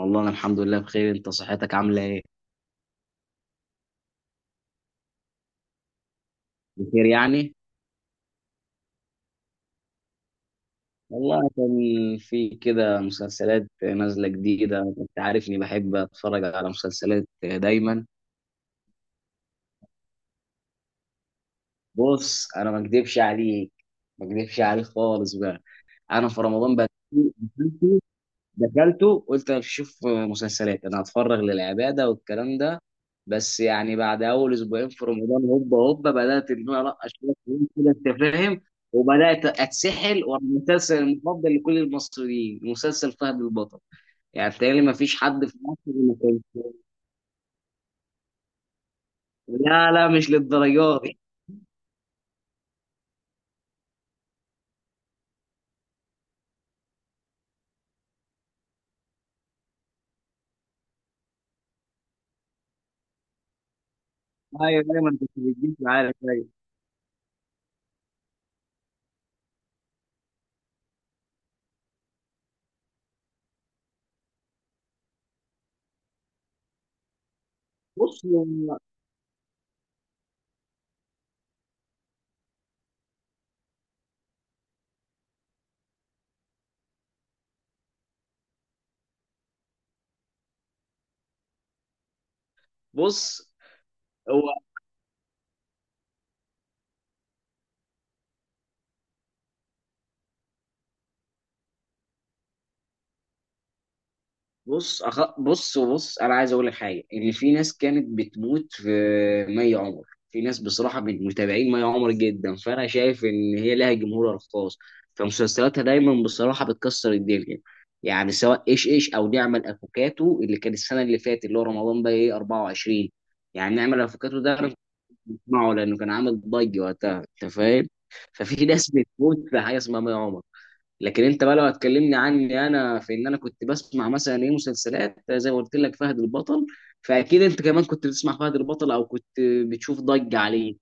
والله انا الحمد لله بخير، انت صحتك عامله ايه؟ بخير يعني. والله كان في كده مسلسلات نازله جديده، انت عارف اني بحب اتفرج على مسلسلات دايما. بص، انا ما اكدبش عليك، خالص بقى. انا في رمضان بقى، دخلته قلت انا مش هشوف مسلسلات، انا هتفرغ للعباده والكلام ده. بس يعني بعد اول اسبوعين في رمضان هوبا هوبا بدات ان انا القى شويه فلوس كده، انت فاهم. وبدات اتسحل، والمسلسل المفضل لكل المصريين مسلسل فهد البطل. يعني تقريبا ما فيش حد في مصر ما كانش. لا، لا، مش للدرجه دي. ايوه، دايما كنت بتجيب معايا أيوة. بص. بص بص، انا عايز اقول لك حاجه ان في ناس كانت بتموت في مي عمر. في ناس بصراحه من متابعين مي عمر جدا، فانا شايف ان هي لها جمهورها الخاص. فمسلسلاتها دايما بصراحه بتكسر الدنيا. يعني سواء ايش ايش او نعمل افوكاتو اللي كان السنه اللي فاتت اللي هو رمضان بقى ايه 24. يعني نعمل افوكاتو ده انا كنت بسمعه لانه كان عامل ضجه وقتها، انت فاهم. ففي ناس بتموت في حاجه اسمها مي عمر. لكن انت بقى لو هتكلمني عني انا، في ان انا كنت بسمع مثلا ايه مسلسلات زي ما قلت لك فهد البطل. فاكيد انت كمان كنت بتسمع فهد البطل او كنت بتشوف ضجة عليه،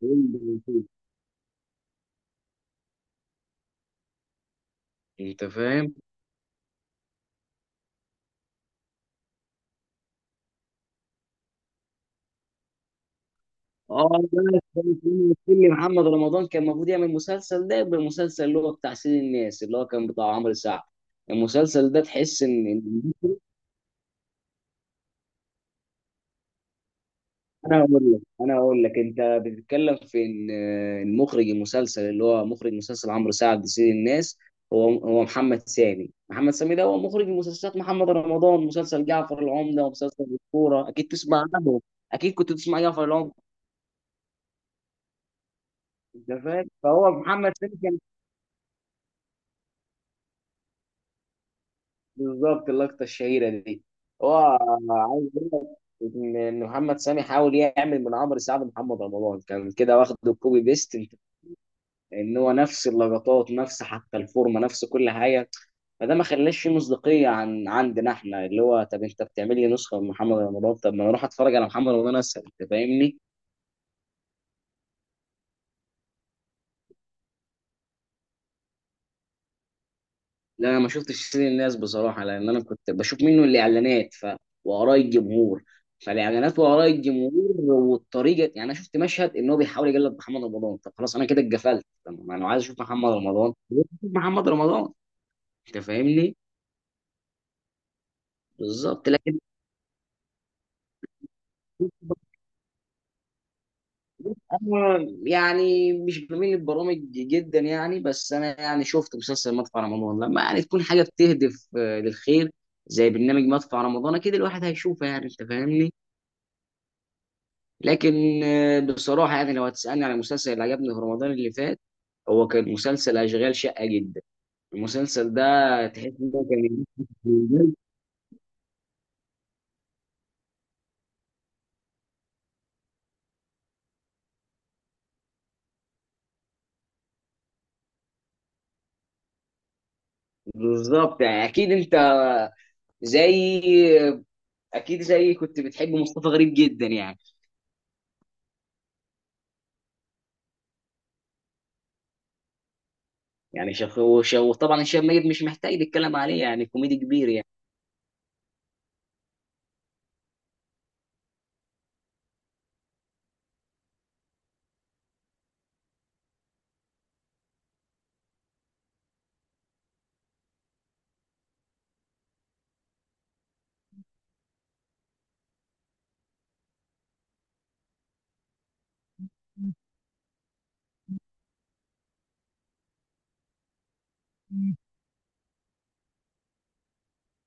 انت فاهم. اه بس، اللي محمد رمضان كان المفروض يعمل مسلسل ده يبقى المسلسل اللي هو بتاع سيد الناس اللي هو كان بتاع عمرو سعد. المسلسل ده تحس ان... انا هقول لك انت بتتكلم في ان المخرج، المسلسل اللي هو مخرج مسلسل عمرو سعد سيد الناس. هو محمد سامي ده هو مخرج مسلسلات محمد رمضان، مسلسل جعفر العمدة ومسلسل الكورة، اكيد تسمع عنه. اكيد كنت تسمع جعفر العمدة. انت فاهم، فهو محمد سامي كان... بالظبط، اللقطة الشهيرة دي. هو عايز اقول لك إن محمد سامي حاول يعمل من عمرو سعد محمد رمضان، كان كده واخد الكوبي بيست. ان هو نفس اللقطات، نفس حتى الفورمه، نفس كل حاجه. فده ما خلاش فيه مصداقيه عن عندنا احنا، اللي هو طب انت بتعمل لي نسخه من محمد رمضان؟ طب ما انا اروح اتفرج على محمد رمضان اسهل، انت فاهمني؟ لا، انا ما شفتش سيد الناس بصراحه، لان انا كنت بشوف منه الاعلانات ف... واراء الجمهور. فالاعلانات واراء الجمهور. والطريقه، يعني انا شفت مشهد ان هو بيحاول يقلد محمد رمضان، طب خلاص انا كده اتقفلت، طب ما انا عايز اشوف محمد رمضان. محمد رمضان، انت فاهمني؟ بالظبط، لكن... أنا يعني مش بميل للبرامج جدا يعني، بس أنا يعني شفت مسلسل مدفع رمضان، لما يعني تكون حاجة بتهدف للخير. زي برنامج مدفع رمضان، أكيد الواحد هيشوفها يعني، أنت فاهمني. لكن بصراحة يعني، لو هتسألني على المسلسل اللي عجبني في رمضان اللي فات. هو كان مسلسل أشغال شقة جدا. المسلسل ده تحس إن هو كان... بالظبط، يعني أكيد أنت زي، آه، أكيد زي كنت بتحب مصطفى غريب جدا يعني. يعني وطبعا هشام ميت مش محتاج نتكلم عليه، يعني كوميدي كبير يعني.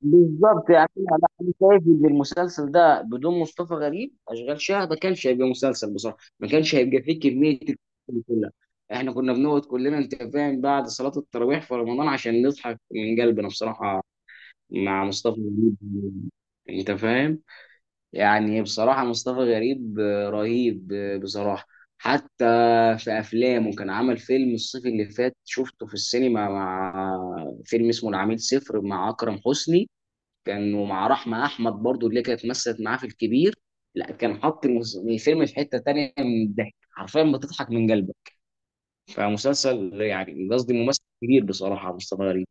بالظبط، يعني انا لا، أنا شايف ان المسلسل ده بدون مصطفى غريب اشغال شقه ما كانش هيبقى مسلسل بصراحه، ما كانش هيبقى فيه كميه الكوميديا كلها. احنا كنا بنقعد كلنا، انت فاهم، بعد صلاه التراويح في رمضان عشان نضحك من قلبنا بصراحه. مع مصطفى غريب. انت فاهم. يعني بصراحة مصطفى غريب رهيب، بصراحة. حتى في أفلامه، كان عمل فيلم الصيف اللي فات شفته في السينما مع... فيلم اسمه العميل صفر مع أكرم حسني. كان ومع رحمة أحمد برضو اللي كانت مثلت معاه في الكبير. لا، كان حط الفيلم في حتة تانية من الضحك، حرفيا بتضحك من قلبك. فمسلسل يعني قصدي، ممثل كبير بصراحة مصطفى غريب.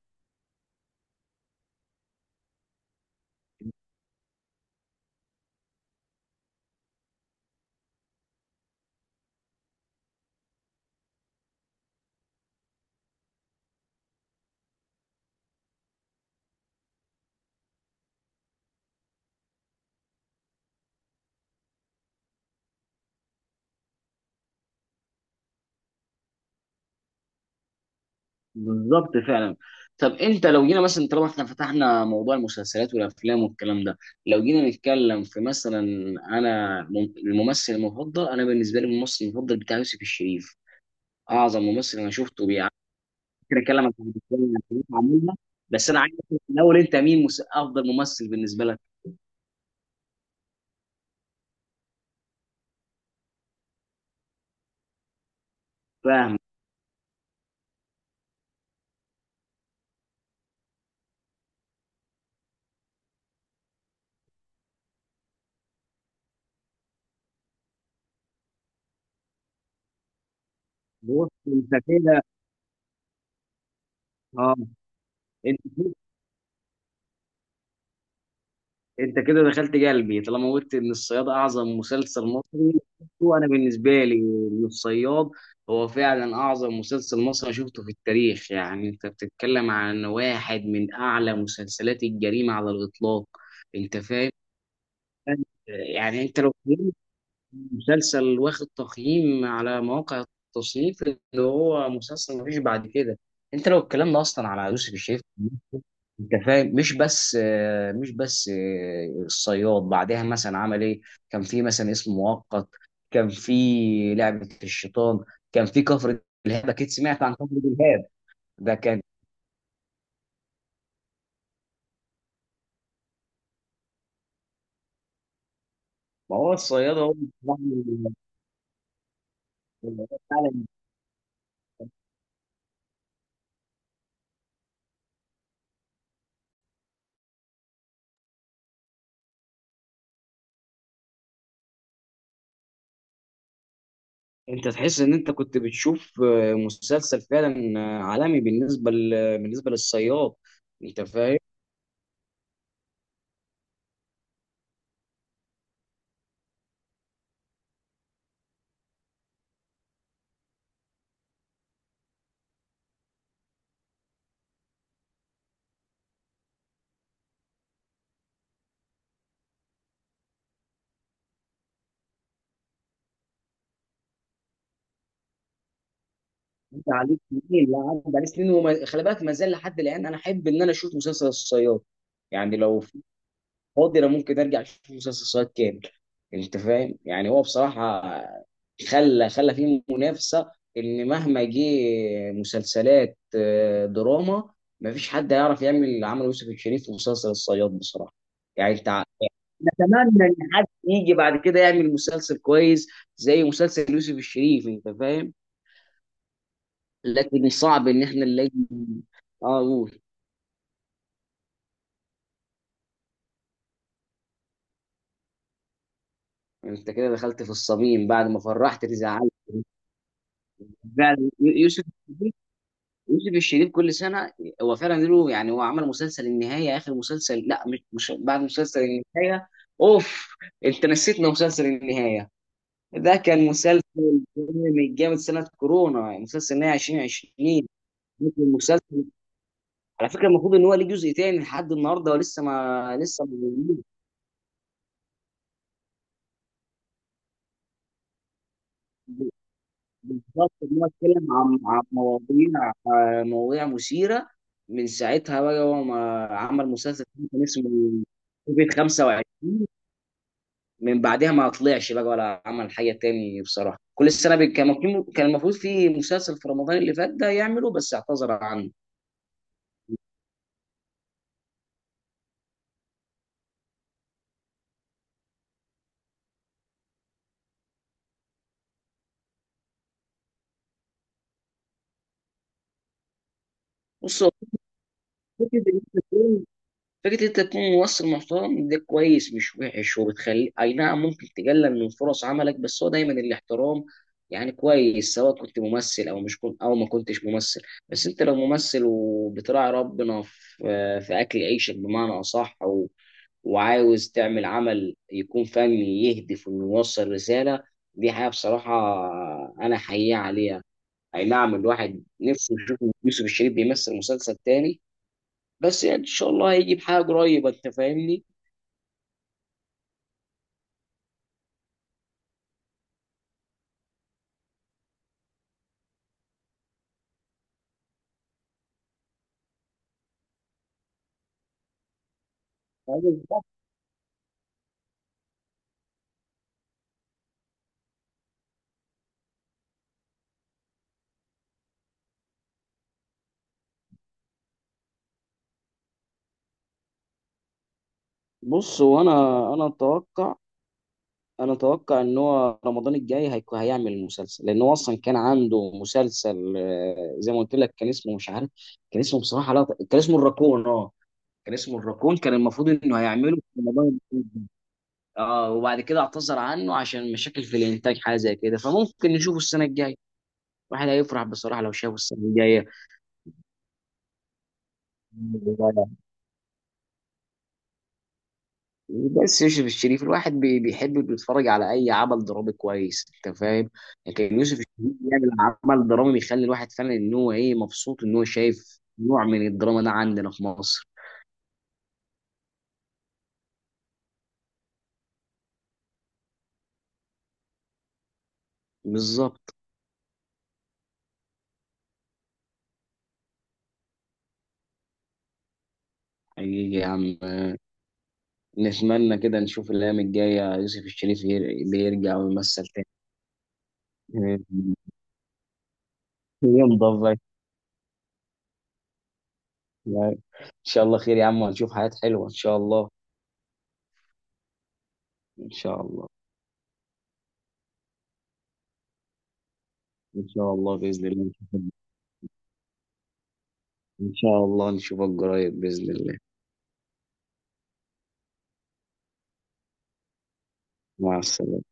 بالظبط فعلا. طب انت، لو جينا مثلا، طالما احنا فتحنا موضوع المسلسلات والافلام والكلام ده. لو جينا نتكلم في مثلا... انا الممثل المفضل انا بالنسبه لي، الممثل المفضل بتاع يوسف الشريف. اعظم ممثل انا شفته ممكن اكلمك عن الأفلام اللي كانت عاملها. بس انا عايز أعرف الاول، انت مين افضل ممثل بالنسبه لك؟ فاهم. بص انت كده اه، انت انت كده دخلت قلبي طالما قلت ان الصياد اعظم مسلسل مصري. شفته انا بالنسبه لي. إن الصياد هو فعلا اعظم مسلسل مصري شفته في التاريخ، يعني انت بتتكلم عن واحد من اعلى مسلسلات الجريمه على الاطلاق. انت فاهم. يعني انت لو... مسلسل واخد تقييم على مواقع التصنيف اللي... هو مسلسل مفيش بعد كده. انت لو اتكلمنا اصلا على يوسف الشريف. انت فاهم، مش بس الصياد بعدها مثلا عمل ايه. كان في مثلا اسم مؤقت. كان في لعبة الشيطان. كان في كفر دلهاب، اكيد سمعت عن كفر دلهاب. ده كان... ما هو الصياد هو بيعمل- انت تحس ان انت كنت بتشوف مسلسل فعلا عالمي بالنسبه بالنسبه للصياد. انت فاهم. انت عليك سنين، لا، عدى عليك سنين وما... خلي بالك ما زال لحد الان انا احب ان انا اشوف مسلسل الصياد. يعني لو فاضي، انا ممكن ارجع اشوف مسلسل الصياد كامل. انت فاهم، يعني هو بصراحه خلى فيه منافسه. ان مهما جه مسلسلات دراما، مفيش حد هيعرف يعمل عمل يوسف الشريف في مسلسل الصياد بصراحه. يعني انت، نتمنى ان حد يجي بعد كده يعمل مسلسل كويس زي مسلسل يوسف الشريف، انت فاهم. لكن صعب ان احنا نلاقي. اه، قول. انت كده دخلت في الصميم، بعد ما فرحت تزعلت. فعلا يوسف الشريف، يوسف الشريف كل سنه. هو فعلا له، يعني هو عمل مسلسل النهايه اخر مسلسل، لا مش بعد مسلسل النهايه. اوف، انت نسيتنا مسلسل النهايه. ده كان مسلسل جامد جامد، سنه كورونا مسلسل النهايه 2020. ممكن مسلسل، على فكره المفروض ان هو ليه جزء تاني لحد النهارده ولسه ما موجود. بالظبط، ان هو اتكلم عن مواضيع مثيره. من ساعتها بقى هو ما عمل مسلسل تاني، كان اسمه كوفيد 25. من بعدها ما طلعش بقى ولا عمل حاجه تاني بصراحه، كل سنه كان المفروض في مسلسل في رمضان اللي فات ده يعمله، بس اعتذر عنه. بص، هو فكره، فكرة إن أنت تكون ممثل محترم ده كويس مش وحش، وبتخلي أي نعم ممكن تقلل من فرص عملك، بس هو دايما الاحترام. يعني كويس سواء كنت ممثل أو مش كنت أو ما كنتش ممثل. بس أنت لو ممثل وبتراعي ربنا في أكل عيشك بمعنى أصح وعاوز تعمل عمل يكون فني يهدف إنه يوصل رسالة. دي حاجة بصراحة أنا حقيقة عليها. أي نعم، الواحد نفسه يشوف يوسف الشريف بيمثل مسلسل تاني. بس يعني ان شاء الله هيجي بحاجه قريبه، انت فاهمني. أيوة بالظبط. بص هو انا، انا اتوقع انا اتوقع ان هو رمضان الجاي هيكون هيعمل المسلسل، لان هو اصلا كان عنده مسلسل زي ما قلت لك، كان اسمه مش عارف. كان اسمه بصراحه، لا، كان اسمه الراكون، اه. كان اسمه الراكون، كان المفروض انه هيعمله في رمضان الجاي. اه، وبعد كده اعتذر عنه عشان مشاكل في الانتاج حاجه زي كده، فممكن نشوفه السنه الجايه. الواحد هيفرح بصراحه لو شافه السنه الجايه. بس يوسف الشريف، الواحد بيحب بيتفرج على اي عمل درامي كويس، انت فاهم. لكن يوسف الشريف بيعمل عمل درامي بيخلي الواحد فعلا ان هو ايه مبسوط ان هو شايف نوع من الدراما ده عندنا في مصر. بالظبط، حقيقي يا عم. آه، نتمنى كده نشوف الايام الجايه يوسف الشريف بيرجع ويمثل تاني. ينضف بقى. ان شاء الله خير يا عم، وهنشوف حاجات حلوه ان شاء الله. ان شاء الله. ان شاء الله باذن الله. ان شاء الله نشوفك قريب باذن الله. مع السلامه.